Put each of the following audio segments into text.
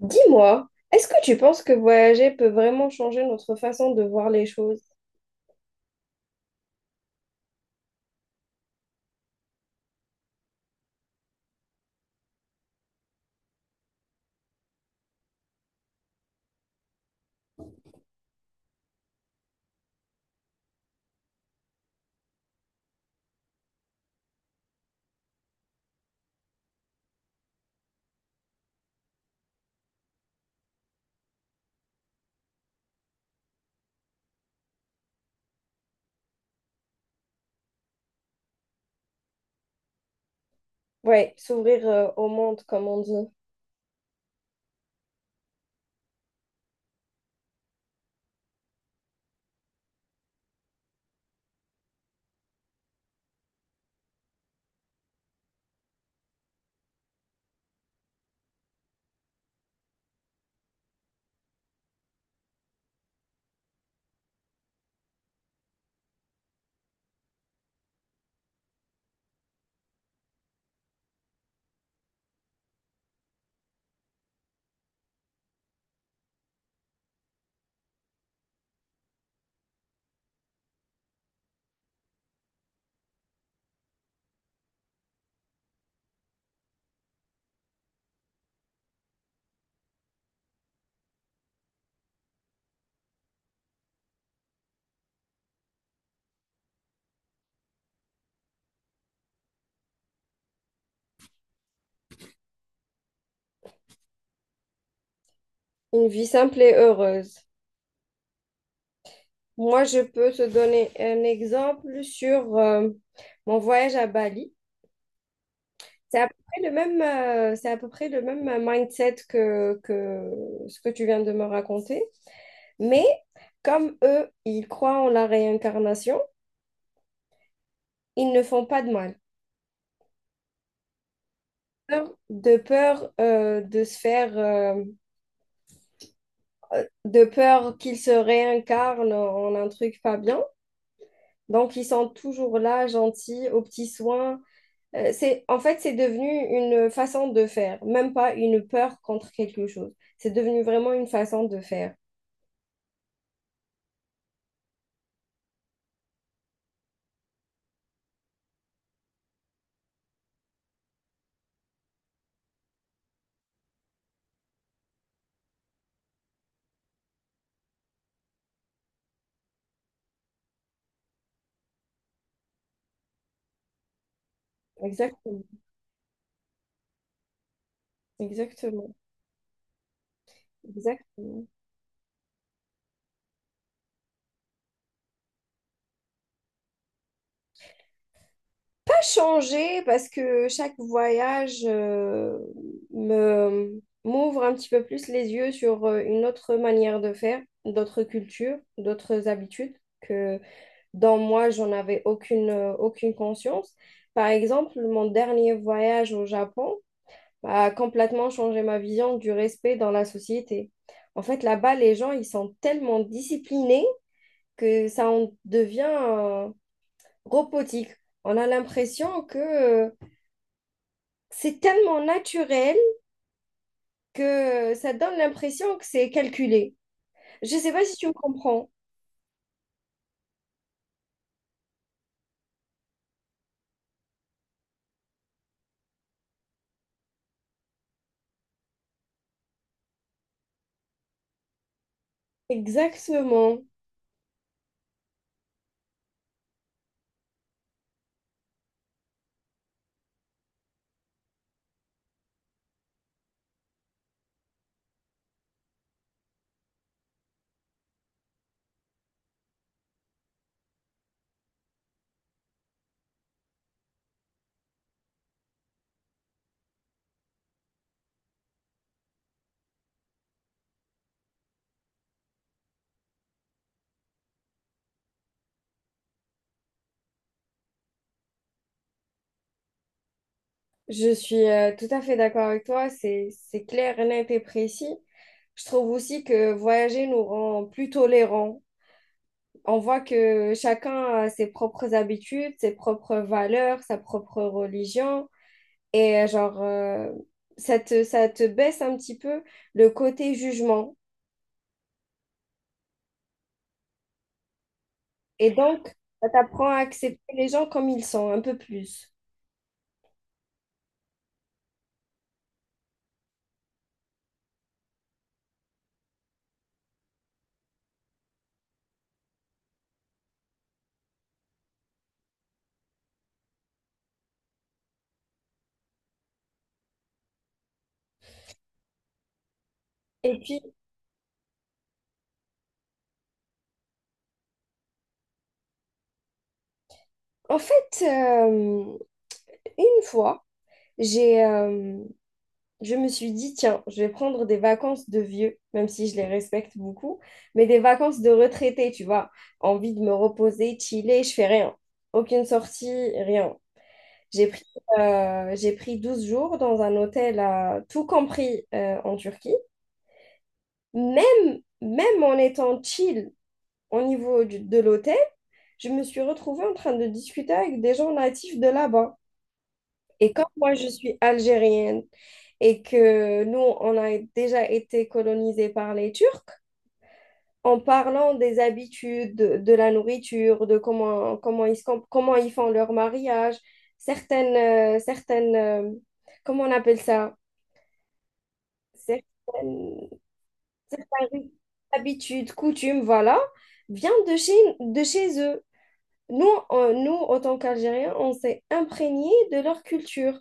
Dis-moi, est-ce que tu penses que voyager peut vraiment changer notre façon de voir les choses? Ouais, s'ouvrir au monde, comme on dit. Une vie simple et heureuse. Moi, je peux te donner un exemple sur mon voyage à Bali. C'est à peu près le même, c'est à peu près le même mindset que ce que tu viens de me raconter. Mais comme eux, ils croient en la réincarnation, ils ne font pas de mal. De peur de se faire, de peur qu'ils se réincarnent en un truc pas bien. Donc, ils sont toujours là, gentils, aux petits soins. C'est, en fait, c'est devenu une façon de faire, même pas une peur contre quelque chose. C'est devenu vraiment une façon de faire. Exactement. Exactement. Exactement. Changer parce que chaque voyage me m'ouvre un petit peu plus les yeux sur une autre manière de faire, d'autres cultures, d'autres habitudes que dans moi, j'en avais aucune, aucune conscience. Par exemple, mon dernier voyage au Japon a complètement changé ma vision du respect dans la société. En fait, là-bas, les gens, ils sont tellement disciplinés que ça en devient robotique. On a l'impression que c'est tellement naturel que ça donne l'impression que c'est calculé. Je ne sais pas si tu me comprends. Exactement. Je suis tout à fait d'accord avec toi. C'est clair, net et précis. Je trouve aussi que voyager nous rend plus tolérants. On voit que chacun a ses propres habitudes, ses propres valeurs, sa propre religion. Et genre, ça te baisse un petit peu le côté jugement. Et donc, ça t'apprend à accepter les gens comme ils sont, un peu plus. Et puis, en fait, une fois, j'ai je me suis dit, tiens, je vais prendre des vacances de vieux, même si je les respecte beaucoup, mais des vacances de retraité, tu vois. Envie de me reposer, chiller, je fais rien. Aucune sortie, rien. J'ai pris, j'ai pris 12 jours dans un hôtel, à, tout compris en Turquie. Même en étant chill au niveau de l'hôtel, je me suis retrouvée en train de discuter avec des gens natifs de là-bas. Et comme moi, je suis algérienne, et que nous, on a déjà été colonisés par les Turcs, en parlant des habitudes, de la nourriture, de ils, comment ils font leur mariage, certaines, certaines comment on appelle ça? Certaines habitudes, coutumes, voilà, viennent de chez eux. Nous, en tant qu'Algériens, on s'est imprégnés de leur culture,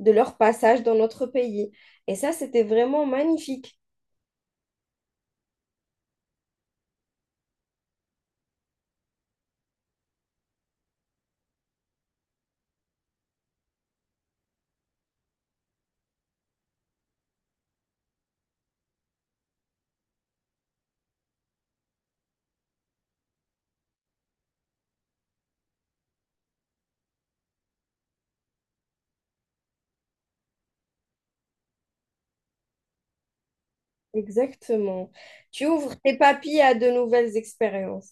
de leur passage dans notre pays. Et ça, c'était vraiment magnifique. Exactement. Tu ouvres tes papilles à de nouvelles expériences.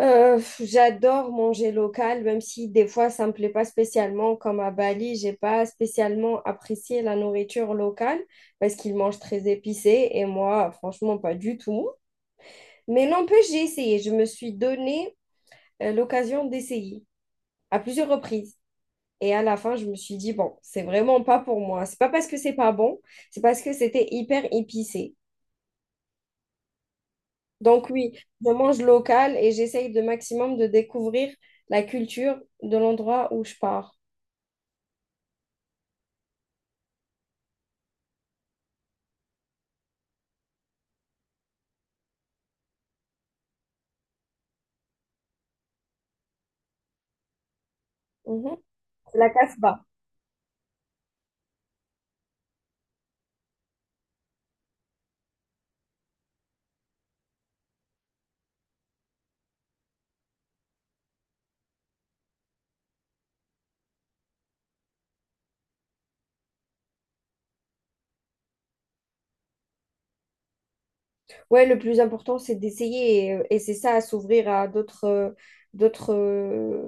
J'adore manger local, même si des fois ça me plaît pas spécialement. Comme à Bali, j'ai pas spécialement apprécié la nourriture locale parce qu'ils mangent très épicé et moi, franchement, pas du tout. Mais n'empêche, j'ai essayé. Je me suis donné l'occasion d'essayer à plusieurs reprises. Et à la fin, je me suis dit, bon, c'est vraiment pas pour moi. C'est pas parce que c'est pas bon, c'est parce que c'était hyper épicé. Donc oui, je mange local et j'essaye de maximum de découvrir la culture de l'endroit où je pars. Mhm. La Casbah. Ouais, le plus important, c'est d'essayer et, et c'est ça, à s'ouvrir à d'autres, d'autres, euh,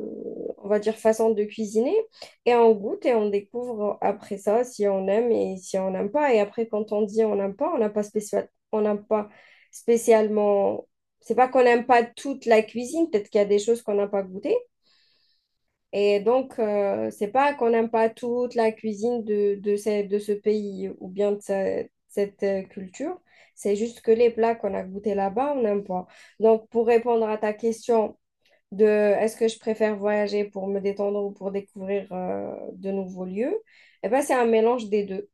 on va dire, façons de cuisiner. Et on goûte et on découvre après ça si on aime et si on n'aime pas. Et après, quand on dit on n'aime pas, on n'a pas spécialement. C'est pas qu'on n'aime pas toute la cuisine, peut-être qu'il y a des choses qu'on n'a pas goûtées, et donc, c'est pas qu'on n'aime pas toute la cuisine de ce pays ou bien de cette culture. C'est juste que les plats qu'on a goûtés là-bas, on n'aime pas. Donc, pour répondre à ta question de est-ce que je préfère voyager pour me détendre ou pour découvrir de nouveaux lieux, eh ben, c'est un mélange des deux.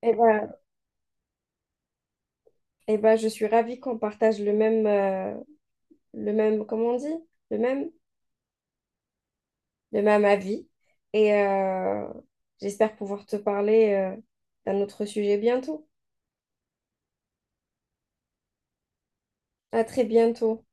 Eh ben, eh ben, je suis ravie qu'on partage le même, comment on dit? Le même. Le même avis. Et j'espère pouvoir te parler d'un autre sujet bientôt. À très bientôt.